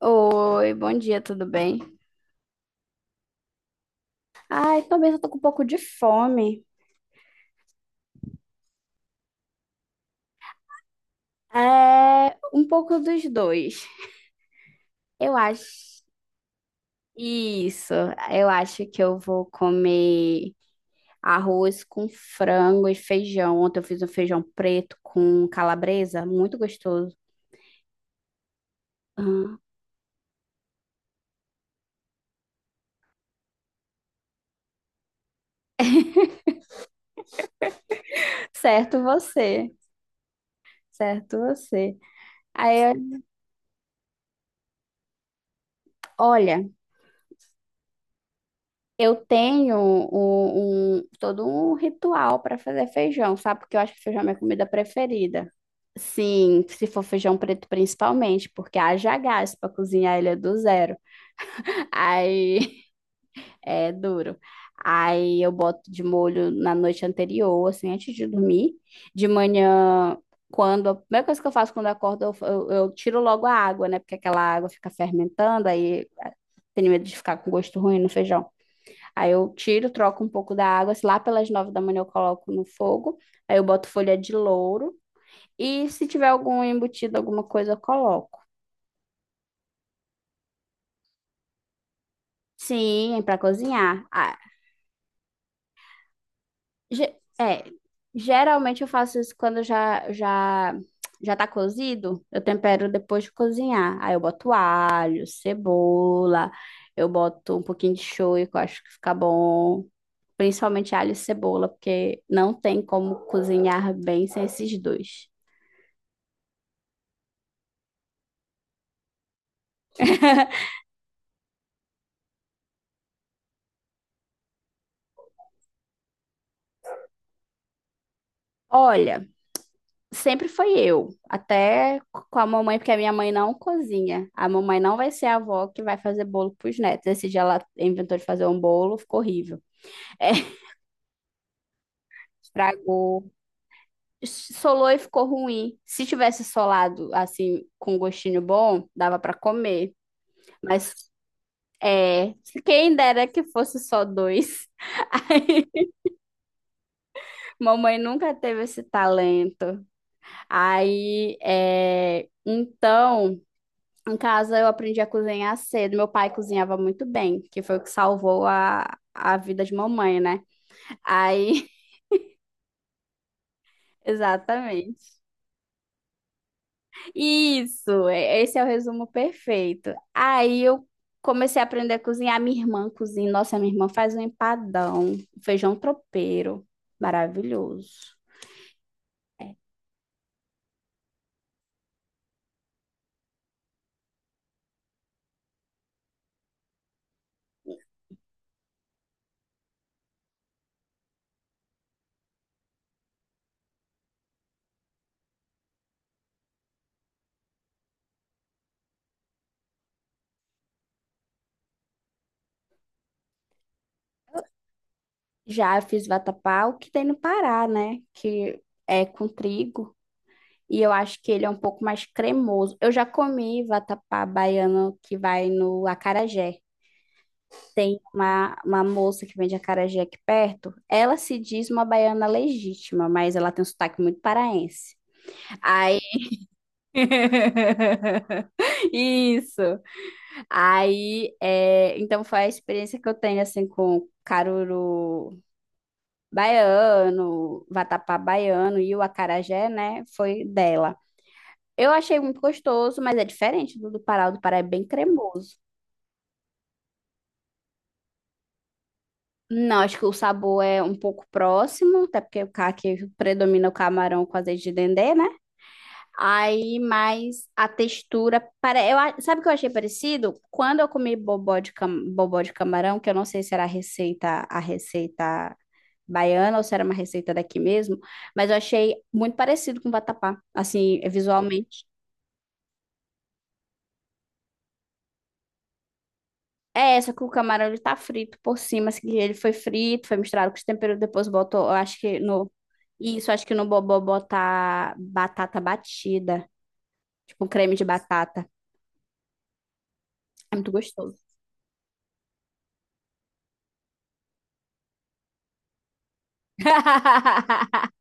Oi, bom dia, tudo bem? Ai, também eu tô com um pouco de fome. É, um pouco dos dois. Eu acho. Isso, eu acho que eu vou comer arroz com frango e feijão. Ontem eu fiz um feijão preto com calabresa, muito gostoso. Hum. Certo você, certo você. Aí, olha. Eu tenho todo um ritual para fazer feijão, sabe? Porque eu acho que feijão é minha comida preferida. Sim, se for feijão preto principalmente, porque haja gás para cozinhar ele é do zero. Aí é duro. Aí eu boto de molho na noite anterior, assim, antes de dormir. De manhã, quando. A primeira coisa que eu faço quando eu acordo, eu tiro logo a água, né? Porque aquela água fica fermentando, aí tenho medo de ficar com gosto ruim no feijão. Aí eu tiro, troco um pouco da água. Se lá pelas 9 da manhã eu coloco no fogo. Aí eu boto folha de louro. E se tiver algum embutido, alguma coisa, eu coloco. Sim, para cozinhar. Ah, ge- é, geralmente eu faço isso quando já tá cozido. Eu tempero depois de cozinhar. Aí eu boto alho, cebola. Eu boto um pouquinho de shoyu, que eu acho que fica bom. Principalmente alho e cebola, porque não tem como cozinhar bem sem esses dois. Olha, sempre foi eu, até com a mamãe, porque a minha mãe não cozinha. A mamãe não vai ser a avó que vai fazer bolo pros netos. Esse dia ela inventou de fazer um bolo, ficou horrível. É, estragou. Solou e ficou ruim. Se tivesse solado assim, com gostinho bom, dava pra comer. Mas é, quem dera que fosse só dois. Mamãe nunca teve esse talento. Aí, então. Em casa eu aprendi a cozinhar cedo. Meu pai cozinhava muito bem, que foi o que salvou a vida de mamãe, né? Aí, exatamente. Isso, esse é o resumo perfeito. Aí eu comecei a aprender a cozinhar. Minha irmã cozinha. Nossa, minha irmã faz um empadão, feijão tropeiro. Maravilhoso. Já fiz vatapá, o que tem no Pará, né? Que é com trigo. E eu acho que ele é um pouco mais cremoso. Eu já comi vatapá baiano que vai no acarajé. Tem uma moça que vende acarajé aqui perto. Ela se diz uma baiana legítima, mas ela tem um sotaque muito paraense. Aí, isso. Aí, então foi a experiência que eu tenho, assim, com caruru baiano, vatapá baiano e o acarajé, né? Foi dela. Eu achei muito gostoso, mas é diferente do Pará. O do Pará é bem cremoso. Não, acho que o sabor é um pouco próximo, até porque o caqui predomina o camarão com azeite de dendê, né? Aí, mas a textura, para eu, sabe o que eu achei parecido? Quando eu comi bobó de camarão, que eu não sei se era a receita baiana ou se era uma receita daqui mesmo, mas eu achei muito parecido com vatapá, assim, visualmente. É só que o camarão ele tá frito por cima, assim, ele foi frito, foi misturado com os temperos, depois botou, eu acho que no isso, acho que no bobó botar batata batida, tipo um creme de batata. É muito gostoso.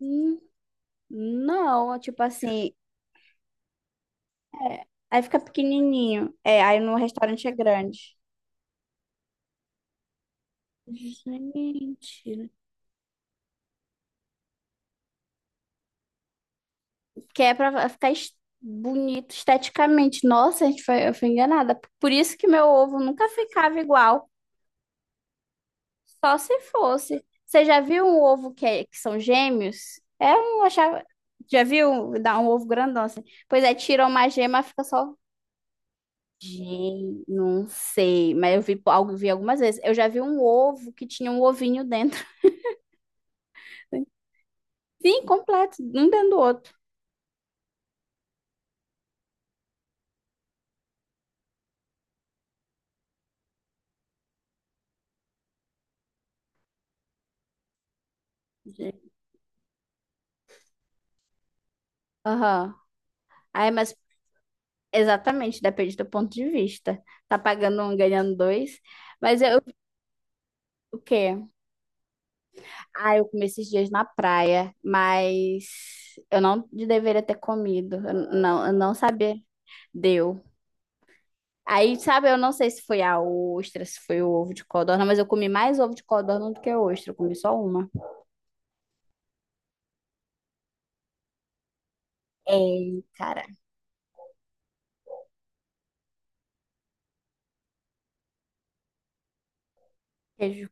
Hum. Não, tipo assim, é, aí fica pequenininho. É, aí no restaurante é grande. Gente, que é pra ficar bonito esteticamente. Nossa, a gente foi, eu fui enganada. Por isso que meu ovo nunca ficava igual. Só se fosse. Você já viu um ovo que, que são gêmeos? É um, achava. Já viu? Dá um ovo grandão assim. Pois é, tira uma gema, fica só. Gente, não sei, mas eu vi, vi algumas vezes. Eu já vi um ovo que tinha um ovinho dentro. Sim, completo, um dentro do outro. Gente. Aham. Aí, mas exatamente, depende do ponto de vista. Tá pagando um, ganhando dois. Mas eu, o quê? Ah, eu comi esses dias na praia, mas eu não deveria ter comido. Eu não, eu não sabia. Deu. Aí, sabe, eu não sei se foi a ostra, se foi o ovo de codorna, mas eu comi mais ovo de codorna do que ostra. Eu comi só uma. Ei, cara, queijo,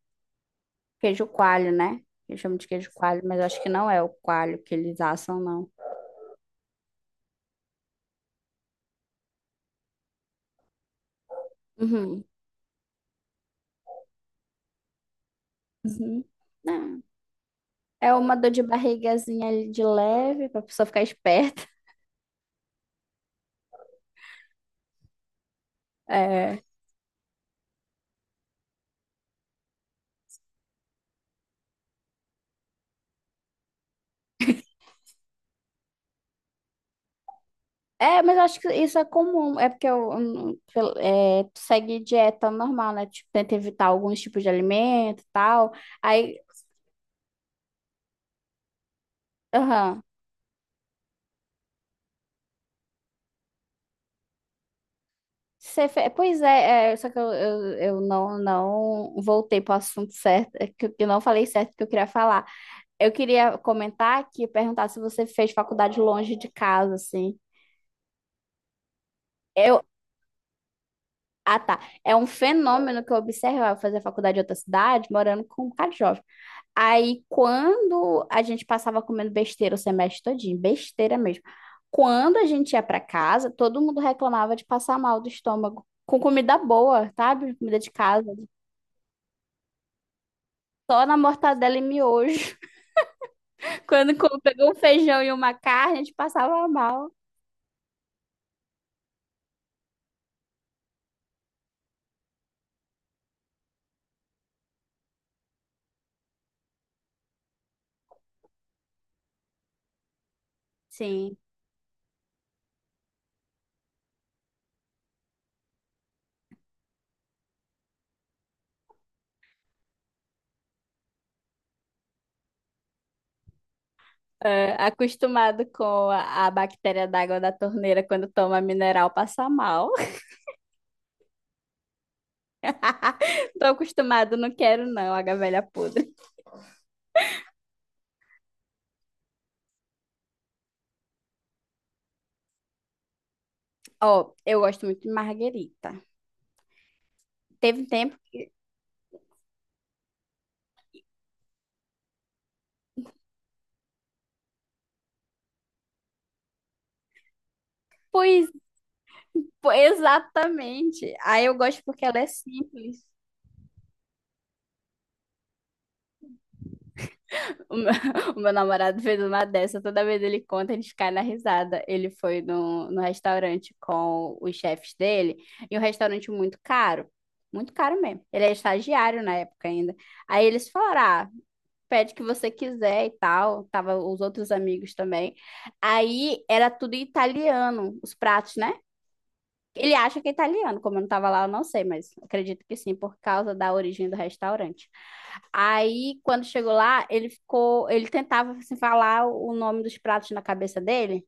queijo coalho, né? Eu chamo de queijo coalho, mas eu acho que não é o coalho que eles assam, não. Uhum. Uhum. Não. É uma dor de barrigazinha ali de leve, pra pessoa ficar esperta. É. É, mas eu acho que isso é comum. É porque eu tu segue dieta normal, né? Tipo, tenta evitar alguns tipos de alimento e tal. Aí, aham. Pois só que eu não voltei para o assunto certo, é que eu não falei certo que eu queria falar. Eu queria comentar aqui, perguntar se você fez faculdade longe de casa, assim. Eu, ah, tá. É um fenômeno que eu observo, eu fazer faculdade em outra cidade, morando com um bocado de jovem. Aí, quando a gente passava comendo besteira o semestre todinho, besteira mesmo. Quando a gente ia para casa, todo mundo reclamava de passar mal do estômago. Com comida boa, sabe? Comida de casa. Só na mortadela e miojo. Quando pegou um feijão e uma carne, a gente passava mal. Sim. É, acostumado com a bactéria d'água da torneira quando toma mineral, passa mal. Tô acostumado, não quero não, água velha podre. Ó, eu gosto muito de marguerita. Teve um tempo. Pois Pô, exatamente. Aí eu gosto porque ela é simples. O meu, o meu namorado fez uma dessa, toda vez ele conta, ele cai na risada. Ele foi no restaurante com os chefes dele, e um restaurante muito caro mesmo. Ele é estagiário na época ainda. Aí eles falaram, ah, pede o que você quiser e tal. Tava os outros amigos também. Aí era tudo italiano, os pratos, né? Ele acha que é italiano, como eu não estava lá, eu não sei, mas acredito que sim, por causa da origem do restaurante. Aí, quando chegou lá, ele ficou, ele tentava assim, falar o nome dos pratos na cabeça dele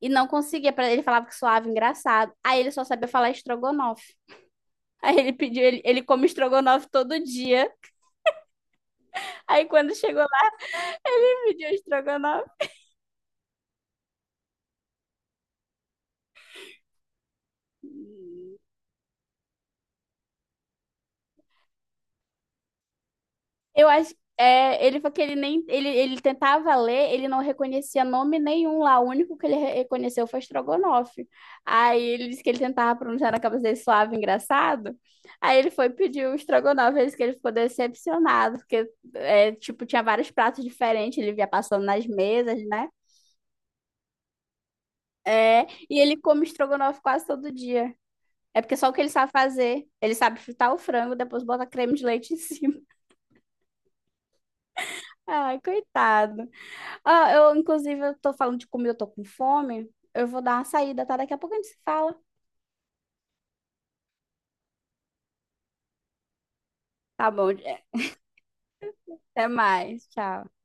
e não conseguia, ele falava que soava engraçado. Aí ele só sabia falar estrogonofe. Aí ele pediu, ele come estrogonofe todo dia. Aí quando chegou lá, ele pediu estrogonofe. Eu acho, ele falou que ele nem, ele tentava ler, ele não reconhecia nome nenhum lá, o único que ele reconheceu foi Strogonoff. Aí ele disse que ele tentava pronunciar na cabeça dele suave, engraçado. Aí ele foi pedir o Strogonoff, ele disse que ele ficou decepcionado, porque, tipo, tinha vários pratos diferentes, ele via passando nas mesas, né? É, e ele come Strogonoff quase todo dia. É porque só o que ele sabe fazer. Ele sabe fritar o frango, depois bota creme de leite em cima. Ai, coitado. Ah, eu, inclusive, eu tô falando de comida, eu tô com fome. Eu vou dar uma saída, tá? Daqui a pouco a gente se fala. Tá bom, Jeff. Até mais. Tchau.